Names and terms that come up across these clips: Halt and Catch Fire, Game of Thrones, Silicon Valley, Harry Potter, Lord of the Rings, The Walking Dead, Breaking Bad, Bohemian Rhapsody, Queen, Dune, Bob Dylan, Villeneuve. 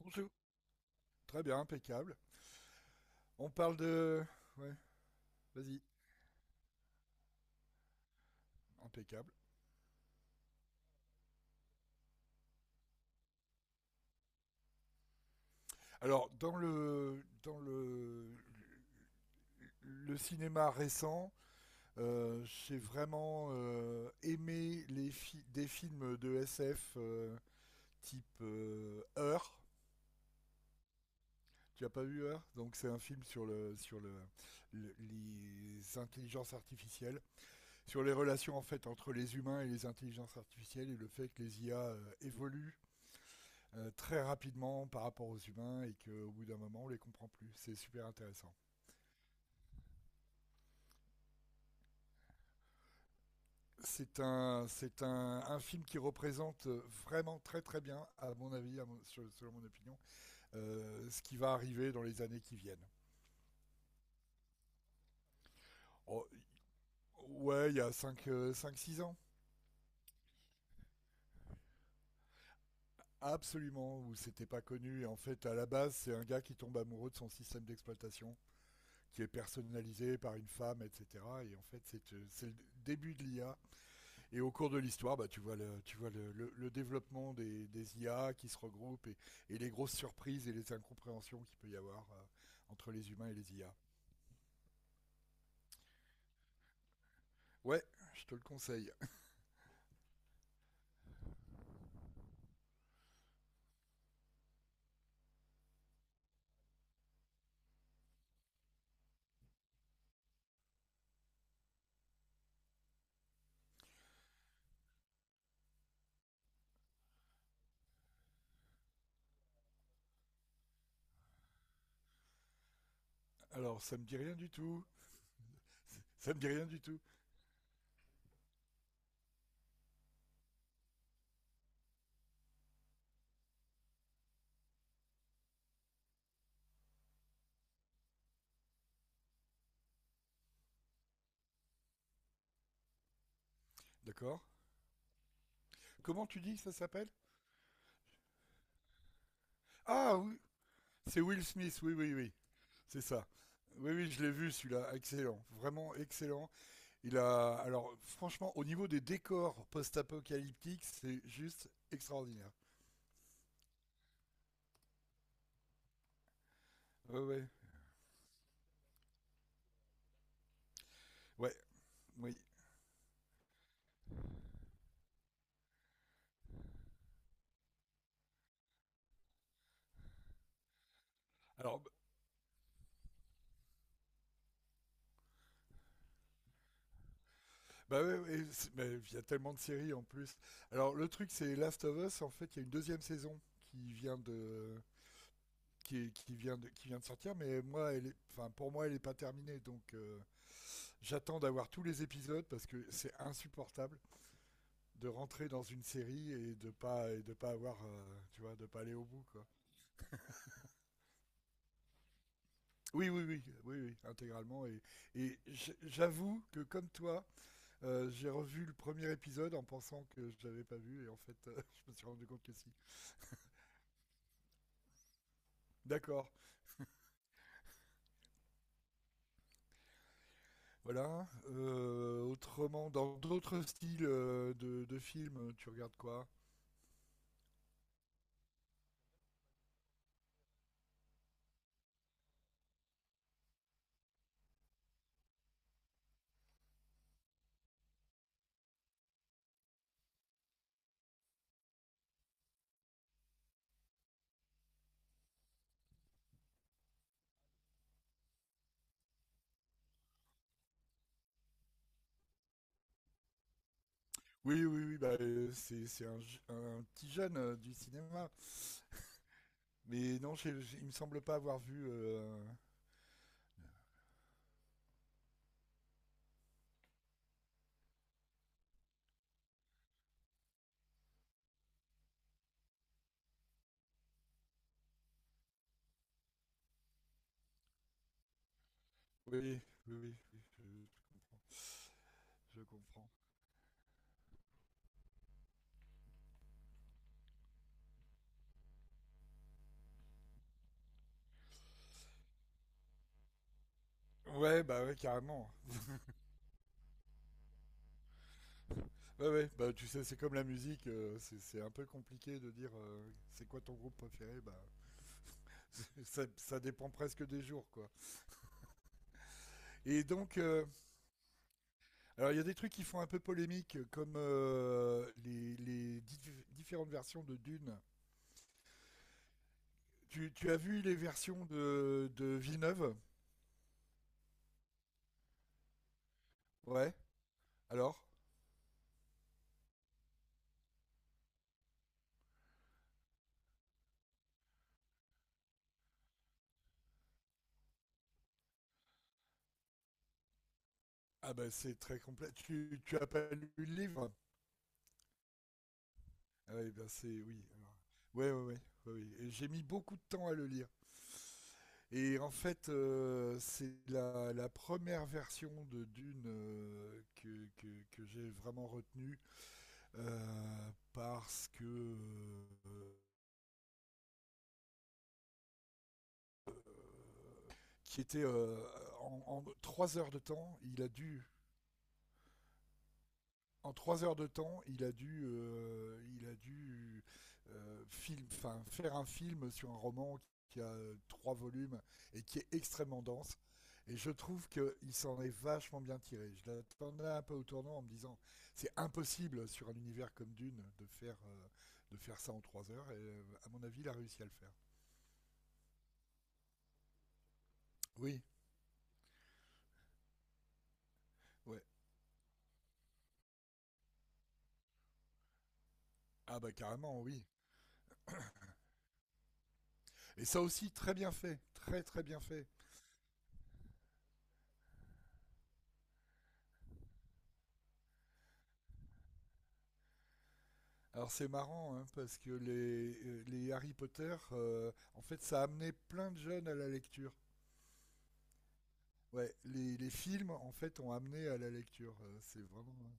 Bonjour. Très bien, impeccable. On parle de. Ouais, vas-y, impeccable. Alors, dans le cinéma récent, j'ai vraiment aimé des films de SF, type Heure. Tu n'as pas vu Heure? Donc c'est un film sur les intelligences artificielles, sur les relations en fait entre les humains et les intelligences artificielles et le fait que les IA évoluent très rapidement par rapport aux humains et qu'au bout d'un moment, on les comprend plus. C'est super intéressant. C'est un film qui représente vraiment très très bien, à mon avis, selon mon opinion, ce qui va arriver dans les années qui viennent. Oh, ouais, il y a cinq, six ans. Absolument, où c'était pas connu. Et en fait, à la base, c'est un gars qui tombe amoureux de son système d'exploitation, qui est personnalisé par une femme, etc. Et en fait, c'est le début de l'IA. Et au cours de l'histoire, bah, tu vois, le développement des IA qui se regroupent et les grosses surprises et les incompréhensions qu'il peut y avoir, entre les humains et les IA. Ouais, je te le conseille. Alors, ça me dit rien du tout. Ça me dit rien du tout. D'accord. Comment tu dis que ça s'appelle? Ah oui, c'est Will Smith. Oui, oui, oui. C'est ça. Oui, oui, je l'ai vu celui-là, excellent, vraiment excellent. Alors franchement, au niveau des décors post-apocalyptiques, c'est juste extraordinaire. Ouais, ouais, ouais, oui. Alors, bah ouais, ouais, mais il y a tellement de séries en plus. Alors, le truc, c'est Last of Us. En fait, il y a une deuxième saison qui vient de, qui, est- qui vient de sortir. Mais moi, elle est, enfin, pour moi, elle est pas terminée. Donc, j'attends d'avoir tous les épisodes parce que c'est insupportable de rentrer dans une série et de pas avoir, tu vois, de pas aller au bout, quoi. Oui, oui, oui, oui, oui, intégralement. J'avoue que comme toi, j'ai revu le premier épisode en pensant que je l'avais pas vu et en fait, je me suis rendu compte que si. D'accord, voilà. Autrement, dans d'autres styles, de films, tu regardes quoi? Oui, oui, oui, bah, c'est un, un petit jeune, du cinéma. Mais non, il me semble pas avoir vu. Oui, oui, oui, oui, je, je comprends. Ouais, bah ouais, carrément. Ouais, ouais, bah tu sais, c'est comme la musique, c'est un peu compliqué de dire, c'est quoi ton groupe préféré, bah. Ça dépend presque des jours, quoi. Et donc, alors il y a des trucs qui font un peu polémique, comme, les différentes versions de Dune. Tu as vu les versions de Villeneuve? Ouais. Alors. Ah ben c'est très complet. Tu as pas lu le livre? Ah ouais, ben c'est oui. Alors. Ouais, ouais, ouais, ouais, ouais. Et j'ai mis beaucoup de temps à le lire. Et en fait, c'est la première version de Dune que j'ai vraiment retenue, parce que, qui était, en trois heures de temps, il a dû en trois heures de temps, il a dû, faire un film sur un roman qui a, trois volumes et qui est extrêmement dense. Et je trouve qu'il s'en est vachement bien tiré. Je l'attendais un peu au tournant en me disant c'est impossible sur un univers comme Dune de faire, de faire ça en trois heures. Et à mon avis, il a réussi à le faire. Oui, ouais. Ah bah carrément, oui. Et ça aussi, très bien fait, très très bien fait. Alors c'est marrant, hein, parce que les Harry Potter, en fait, ça a amené plein de jeunes à la lecture. Ouais, les films, en fait, ont amené à la lecture. C'est vraiment.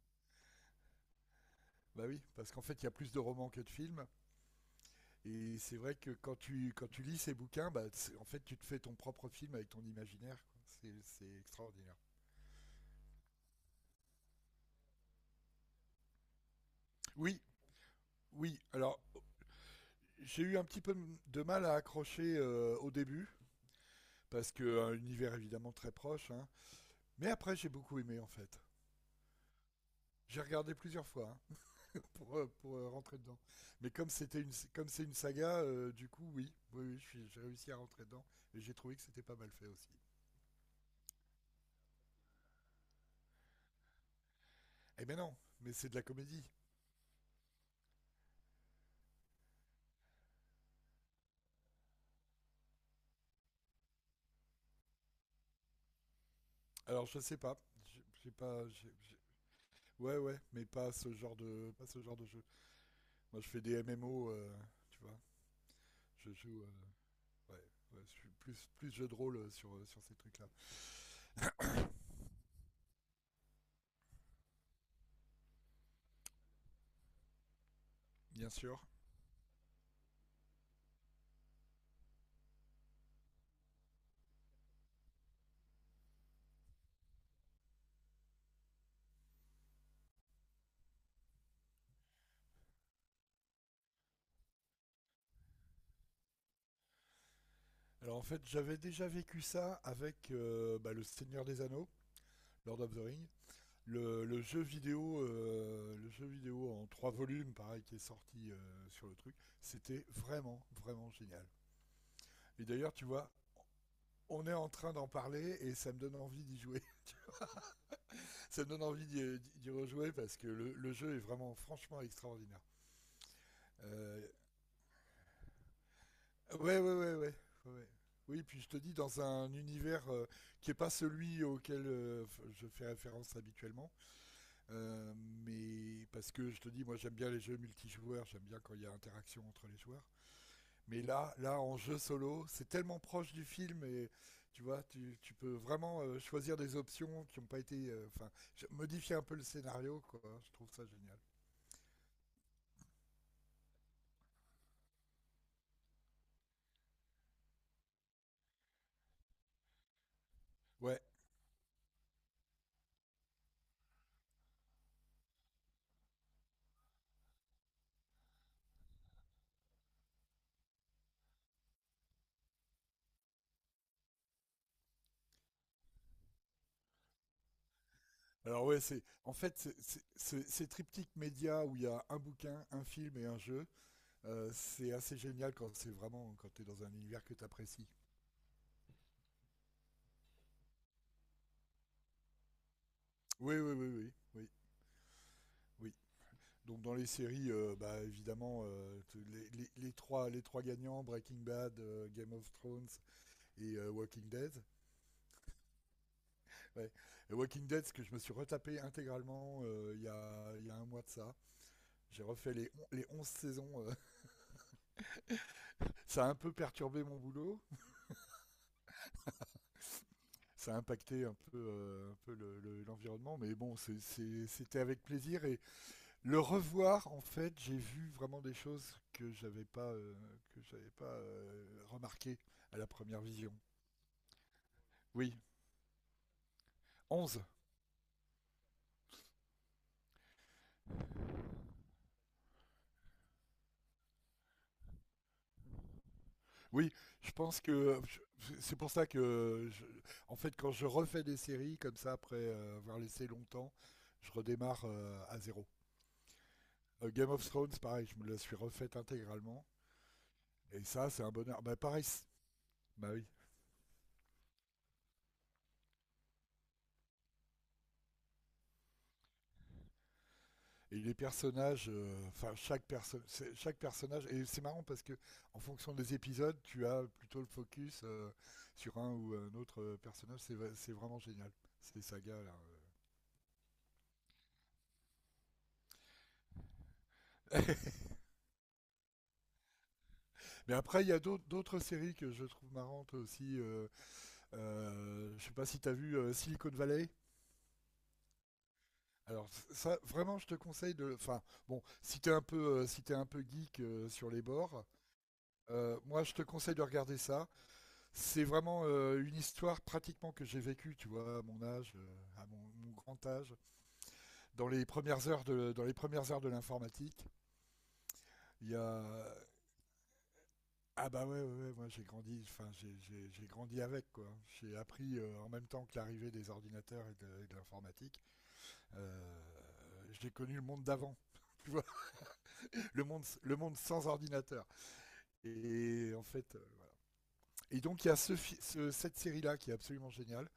Bah oui, parce qu'en fait, il y a plus de romans que de films. Et c'est vrai que quand tu lis ces bouquins, bah, en fait, tu te fais ton propre film avec ton imaginaire, quoi. C'est extraordinaire. Oui, oui. Alors, j'ai eu un petit peu de mal à accrocher, au début. Parce que un univers évidemment très proche, hein. Mais après, j'ai beaucoup aimé en fait. J'ai regardé plusieurs fois, hein, pour rentrer dedans. Mais comme c'est une saga, du coup, oui, oui, oui, j'ai réussi à rentrer dedans et j'ai trouvé que c'était pas mal fait aussi. Eh ben non, mais c'est de la comédie. Alors je sais pas, J'ai- j'ai pas, j'ai- j'ai- ouais ouais, mais pas ce genre de jeu. Moi, je fais des MMO, tu vois. Je joue. Ouais, ouais, je suis plus jeu de rôle, sur ces trucs-là. Bien sûr. Alors en fait, j'avais déjà vécu ça avec, bah, le Seigneur des Anneaux, Lord of the Ring, le jeu vidéo, le jeu vidéo en trois volumes, pareil, qui est sorti sur le truc. C'était vraiment, vraiment génial. Et d'ailleurs, tu vois, on est en train d'en parler et ça me donne envie d'y jouer. Ça me donne envie d'y rejouer parce que le jeu est vraiment, franchement, extraordinaire. Euh, ouais, ouais, ouais, ouais, ouais, ouais. Oui, puis je te dis, dans un univers, qui n'est pas celui auquel, je fais référence habituellement. Euh, mais parce que je te dis, moi j'aime bien les jeux multijoueurs, j'aime bien quand il y a interaction entre les joueurs. Mais là en jeu solo, c'est tellement proche du film et tu vois, tu peux vraiment, choisir des options qui n'ont pas été, enfin, modifier un peu le scénario, quoi. Je trouve ça génial. Ouais. Alors ouais, c'est en fait c'est- ces triptyques médias où il y a un bouquin, un film et un jeu, c'est assez génial quand c'est vraiment quand t'es dans un univers que t'apprécies. Oui, oui, oui, oui, oui, oui. Donc dans les séries, bah, évidemment, les trois gagnants, Breaking Bad, Game of Thrones et, Walking Dead. Ouais. Et Walking Dead, ce que je me suis retapé intégralement, il y a un mois de ça. J'ai refait les 11 saisons. Ça a un peu perturbé mon boulot, ça a impacté un peu l'environnement, mais bon, c'était avec plaisir. Et le revoir, en fait, j'ai vu vraiment des choses que j'avais pas remarquées à la première vision. Oui, 11. Oui, je pense que c'est pour ça que, en fait, quand je refais des séries comme ça, après, avoir laissé longtemps, je redémarre, à zéro. Game of Thrones, pareil, je me la suis refaite intégralement. Et ça, c'est un bonheur. Bah, pareil, bah oui. Et les personnages, enfin, chaque personnage, et c'est marrant parce que en fonction des épisodes, tu as plutôt le focus, sur un ou un autre, personnage. C'est vraiment génial, ces sagas-là. Mais après, il y a d'autres séries que je trouve marrantes aussi. Je sais pas si t'as vu, Silicon Valley. Alors ça, vraiment, je te conseille de. Enfin, bon, si t'es un peu, si t'es un peu geek, sur les bords, moi, je te conseille de regarder ça. C'est vraiment une histoire pratiquement que j'ai vécue, tu vois, à mon âge, à mon grand âge, dans les premières heures de l'informatique. Il y a. Ah bah ouais, ouais, ouais, moi j'ai grandi, enfin j'ai grandi avec quoi. J'ai appris, en même temps que l'arrivée des ordinateurs et et de l'informatique. Euh, j'ai connu le monde d'avant, tu vois, le monde sans ordinateur. Et en fait, voilà. Et donc il y a cette série là qui est absolument géniale,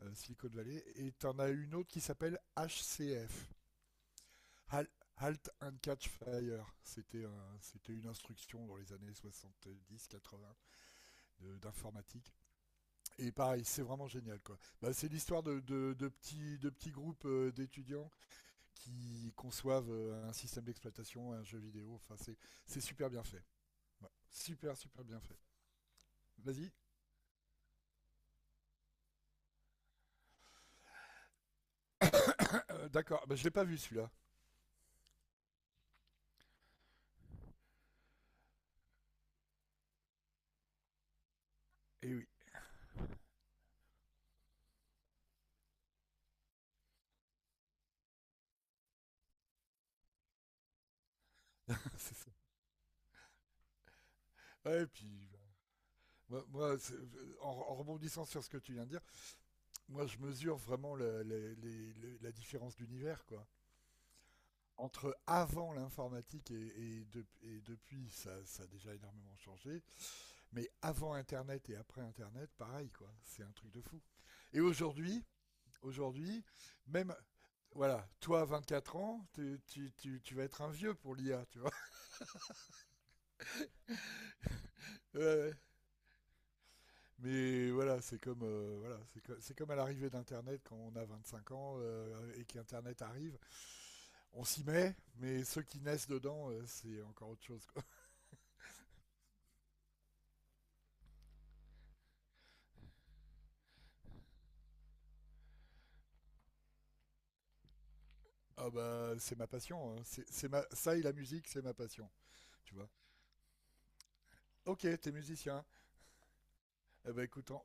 Silicon Valley, et t'en as une autre qui s'appelle HCF. Hal- Halt and Catch Fire. C'était une instruction dans les années 70-80 d'informatique. Et pareil, c'est vraiment génial, quoi. Bah, c'est l'histoire de petits groupes, d'étudiants qui conçoivent, un système d'exploitation, un jeu vidéo. Enfin, c'est, super bien fait. Ouais. Super, super bien fait. Vas-y. D'accord, bah, je l'ai pas vu celui-là. Eh oui, c'est ça. Ouais, et puis, bah, moi, moi, c'est- en rebondissant sur ce que tu viens de dire, moi, je mesure vraiment la différence d'univers, quoi. Entre avant l'informatique et depuis, ça a déjà énormément changé. Mais avant Internet et après Internet, pareil, quoi. C'est un truc de fou. Et aujourd'hui, aujourd'hui, même, voilà, toi, 24 ans, tu vas être un vieux pour l'IA, tu vois. Ouais, ouais. Mais voilà, c'est comme, voilà, c'est comme à l'arrivée d'Internet quand on a 25 ans et qu'Internet arrive. On s'y met, mais ceux qui naissent dedans, c'est encore autre chose, quoi. Ah bah, c'est ma passion, hein. C'est ma... Ça et la musique, c'est ma passion, tu vois. Ok, t'es musicien. Eh ben écoute, en-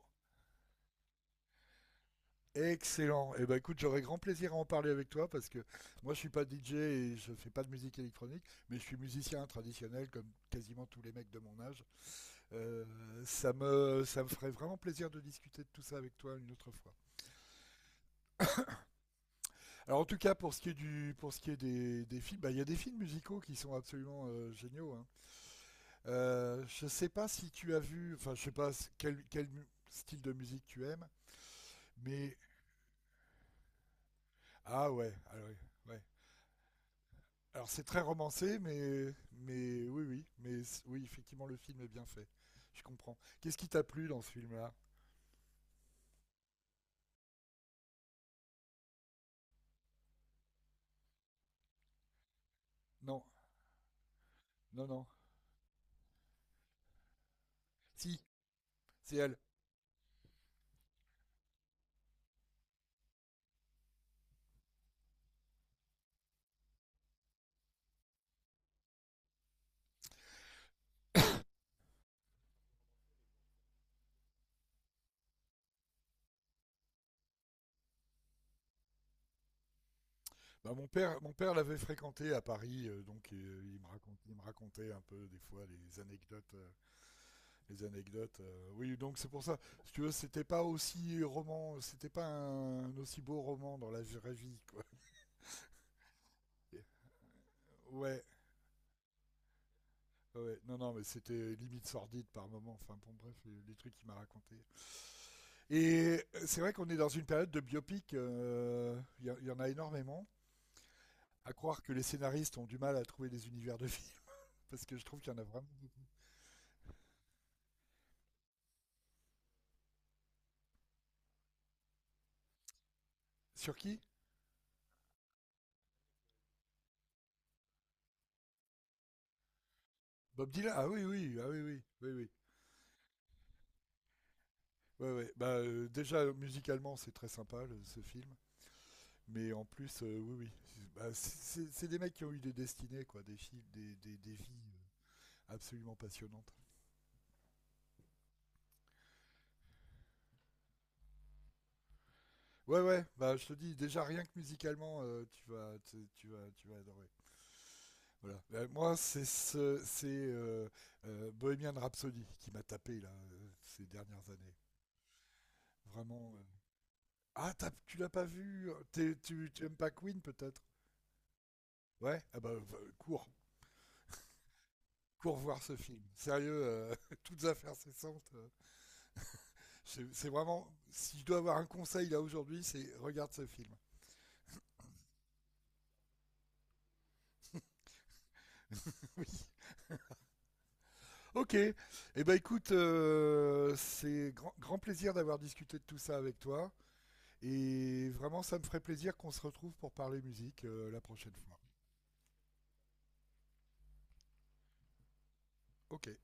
Excellent. Eh ben écoute, j'aurais grand plaisir à en parler avec toi parce que moi je suis pas DJ et je fais pas de musique électronique, mais je suis musicien traditionnel comme quasiment tous les mecs de mon âge. Euh, ça me ferait vraiment plaisir de discuter de tout ça avec toi une autre fois. Alors en tout cas pour ce qui est des films, bah, il y a des films musicaux qui sont absolument géniaux, hein. Je sais pas si tu as vu, enfin je sais pas style de musique tu aimes, mais ah ouais, ah ouais. Ouais. Alors c'est très romancé, mais oui, oui, effectivement, le film est bien fait. Je comprends. Qu'est-ce qui t'a plu dans ce film-là? Non, non, non. Si, c'est elle. Bah, mon père l'avait fréquenté à Paris, donc il me racontait un peu des fois les anecdotes, oui, donc c'est pour ça. Si tu veux, c'était pas un aussi beau roman dans la vraie vie, quoi. Ouais, ouais. Non, non, mais c'était limite sordide par moment. Enfin, bon, bref, les trucs qu'il m'a racontés. Et euh, c'est vrai qu'on est dans une période de biopic, en a énormément. À croire que les scénaristes ont du mal à trouver des univers de films, parce que je trouve qu'il y en a vraiment beaucoup. Sur qui? Bob Dylan? Ah oui, oui, ah oui, oui, oui, oui. Ouais, ouais. Bah, déjà, musicalement, c'est très sympa, ce film. Mais en plus, oui, oui. Bah, c'est des mecs qui ont eu des destinées, quoi, des films, des vies absolument passionnantes. Ouais, ouais, bah, je te dis, déjà, rien que musicalement, tu vas adorer. Voilà. Ben, moi, c'est Bohemian Rhapsody qui m'a tapé là ces dernières années. Vraiment, Ah, tu l'as pas vu? Tu aimes pas Queen peut-être? Ouais. Cours, cours voir ce film. Sérieux, toutes affaires cessantes. C'est vraiment... Si je dois avoir un conseil là aujourd'hui, c'est regarde ce film. Oui. Ok. Eh ben écoute, c'est grand plaisir d'avoir discuté de tout ça avec toi. Et vraiment, ça me ferait plaisir qu'on se retrouve pour parler musique la prochaine fois. Ok.